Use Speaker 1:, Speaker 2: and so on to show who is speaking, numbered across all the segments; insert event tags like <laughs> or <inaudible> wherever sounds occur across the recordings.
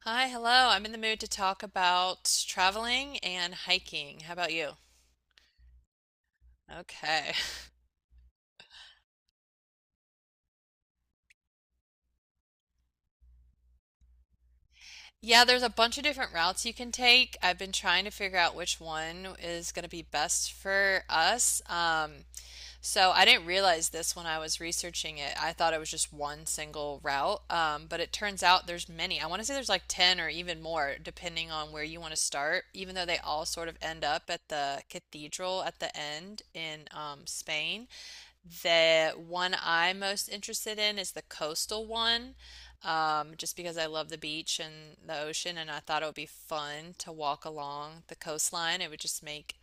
Speaker 1: Hi, hello. I'm in the mood to talk about traveling and hiking. How about you? Okay. <laughs> Yeah, there's a bunch of different routes you can take. I've been trying to figure out which one is going to be best for us. So I didn't realize this when I was researching it. I thought it was just one single route, but it turns out there's many. I want to say there's like 10 or even more, depending on where you want to start, even though they all sort of end up at the cathedral at the end in Spain. The one I'm most interested in is the coastal one, just because I love the beach and the ocean, and I thought it would be fun to walk along the coastline. It would just make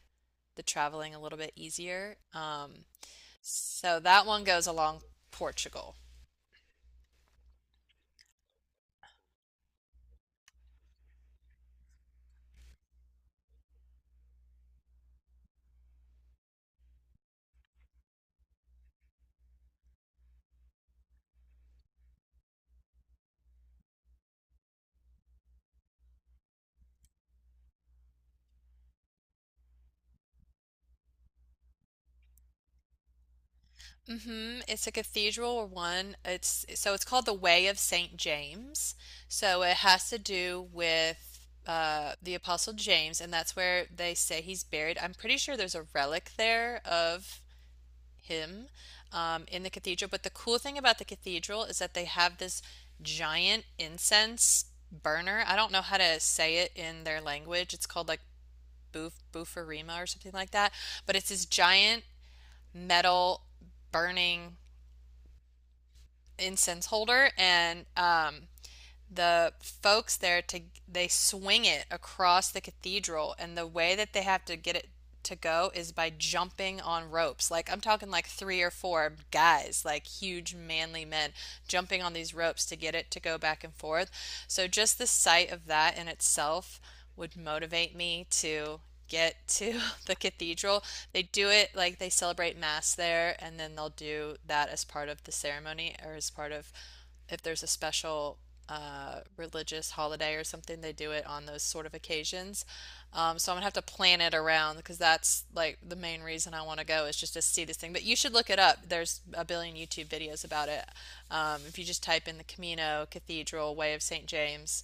Speaker 1: the traveling a little bit easier. So that one goes along Portugal. It's a cathedral one. It's so it's called the Way of Saint James. So it has to do with the Apostle James, and that's where they say he's buried. I'm pretty sure there's a relic there of him in the cathedral. But the cool thing about the cathedral is that they have this giant incense burner. I don't know how to say it in their language. It's called like bufarima or something like that. But it's this giant metal burning incense holder, and the folks there to they swing it across the cathedral, and the way that they have to get it to go is by jumping on ropes. Like I'm talking like three or four guys, like huge manly men jumping on these ropes to get it to go back and forth. So just the sight of that in itself would motivate me to get <laughs> to the cathedral. They do it like they celebrate mass there, and then they'll do that as part of the ceremony or as part of if there's a special religious holiday or something. They do it on those sort of occasions. So I'm gonna have to plan it around because that's like the main reason I want to go is just to see this thing. But you should look it up. There's a billion YouTube videos about it. If you just type in the Camino Cathedral Way of St. James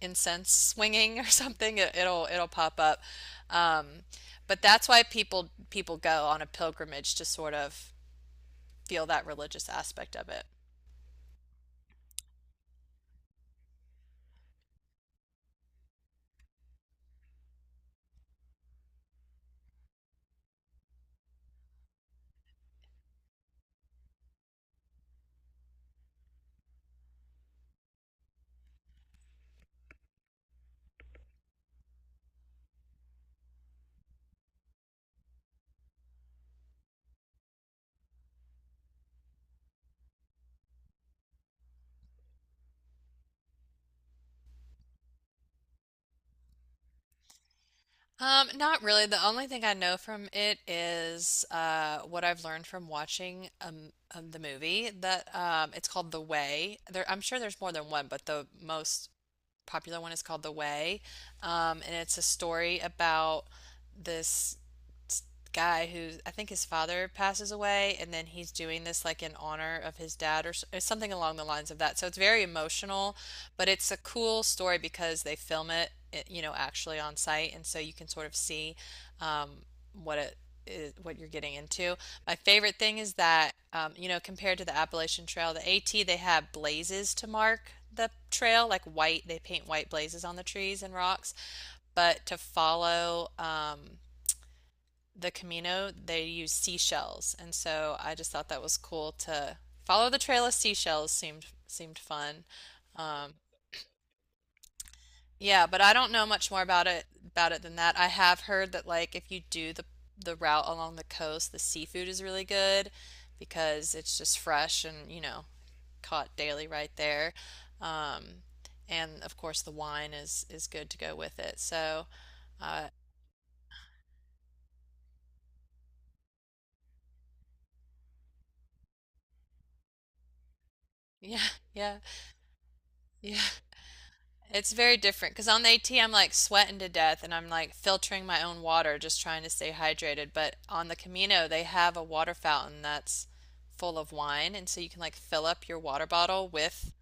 Speaker 1: incense swinging or <laughs> something, it'll pop up. Um, but that's why people go on a pilgrimage to sort of feel that religious aspect of it. Not really. The only thing I know from it is what I've learned from watching the movie that it's called The Way. There, I'm sure there's more than one, but the most popular one is called The Way, and it's a story about this guy who I think his father passes away, and then he's doing this like in honor of his dad or something along the lines of that. So it's very emotional, but it's a cool story because they film it, you know, actually on site, and so you can sort of see um, what it is, what you're getting into. My favorite thing is that you know, compared to the Appalachian Trail, the AT, they have blazes to mark the trail, like white, they paint white blazes on the trees and rocks. But to follow the Camino, they use seashells, and so I just thought that was cool to follow the trail of seashells seemed fun. Um, yeah, but I don't know much more about it than that. I have heard that like if you do the route along the coast, the seafood is really good because it's just fresh and, you know, caught daily right there. Um, and of course the wine is good to go with it. So, uh, <laughs> yeah, yeah, yeah. It's very different because on the AT, I'm like sweating to death and I'm like filtering my own water, just trying to stay hydrated. But on the Camino, they have a water fountain that's full of wine, and so you can like fill up your water bottle with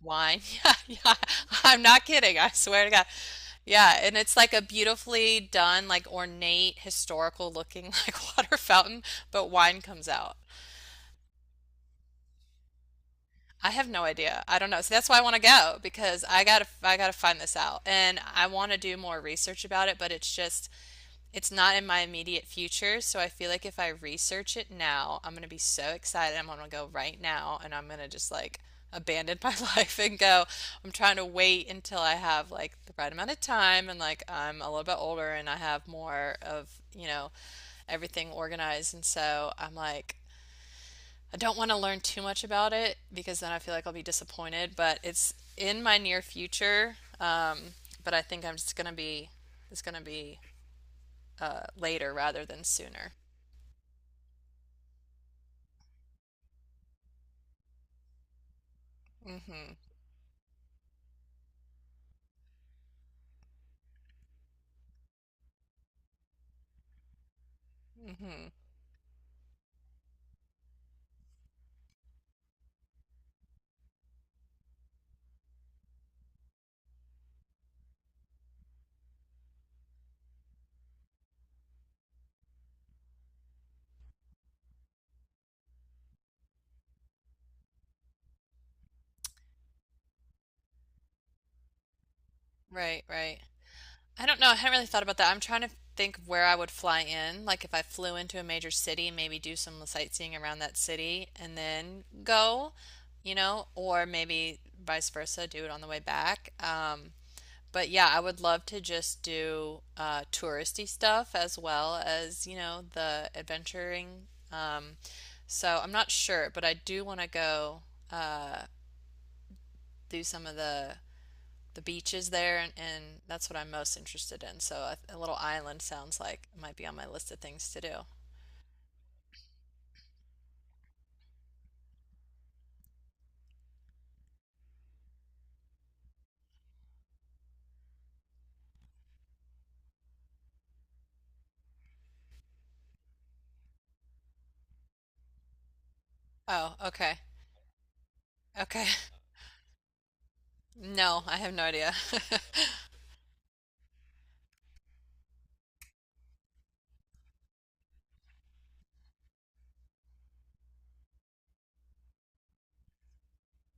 Speaker 1: wine. <laughs> Yeah, yeah. I'm not kidding. I swear to God. Yeah, and it's like a beautifully done, like ornate, historical looking <laughs> like water fountain, but wine comes out. I have no idea. I don't know. So that's why I want to go because I gotta find this out, and I want to do more research about it, but it's just it's not in my immediate future. So I feel like if I research it now, I'm gonna be so excited. I'm gonna go right now, and I'm gonna just like abandon my <laughs> life and go. I'm trying to wait until I have like the right amount of time and like I'm a little bit older and I have more of, you know, everything organized. And so I'm like, I don't want to learn too much about it because then I feel like I'll be disappointed, but it's in my near future. But I think I'm just gonna be it's gonna be later rather than sooner. hmm hmm Right, right. I don't know. I hadn't really thought about that. I'm trying to think of where I would fly in. Like if I flew into a major city, maybe do some sightseeing around that city and then go, you know, or maybe vice versa, do it on the way back. But yeah, I would love to just do touristy stuff as well as, you know, the adventuring. So I'm not sure, but I do want to go uh, do some of the beaches there, and that's what I'm most interested in. So a little island sounds like it might be on my list of things to do. Oh, okay. Okay. <laughs> No, I have no idea.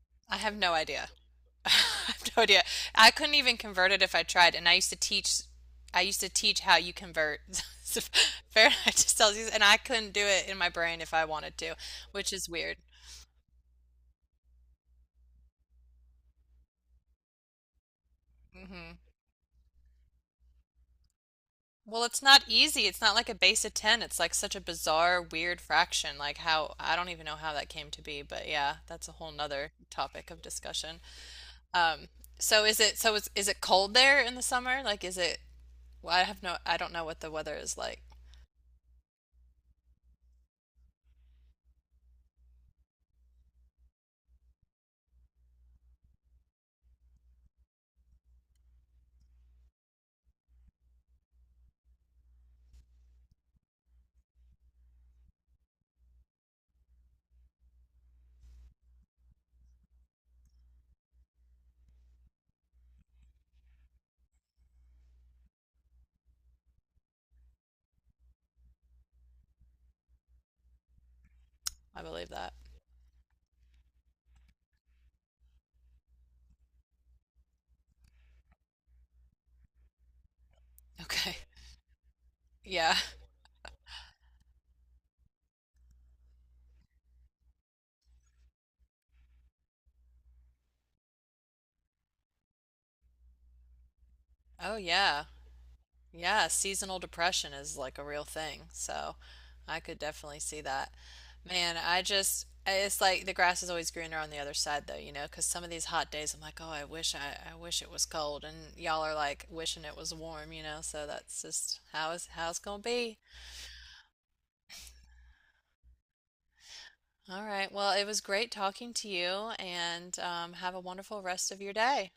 Speaker 1: <laughs> I have no idea. <laughs> I have no idea. I couldn't even convert it if I tried, and I used to teach. I used to teach how you convert <laughs> Fahrenheit to Celsius, and I couldn't do it in my brain if I wanted to, which is weird. hmm Well, it's not easy. It's not like a base of 10. It's like such a bizarre, weird fraction. Like how, I don't even know how that came to be, but yeah, that's a whole nother topic of discussion. Um, is it cold there in the summer? Like, is it, well, I have no, I don't know what the weather is like. I believe that. Okay. <laughs> Yeah. Oh yeah. Yeah, seasonal depression is like a real thing. So I could definitely see that. Man, I just it's like the grass is always greener on the other side though, you know, 'cause some of these hot days I'm like, "Oh, I wish I wish it was cold." And y'all are like wishing it was warm, you know. So that's just how is how it's gonna be. All right. Well, it was great talking to you, and have a wonderful rest of your day.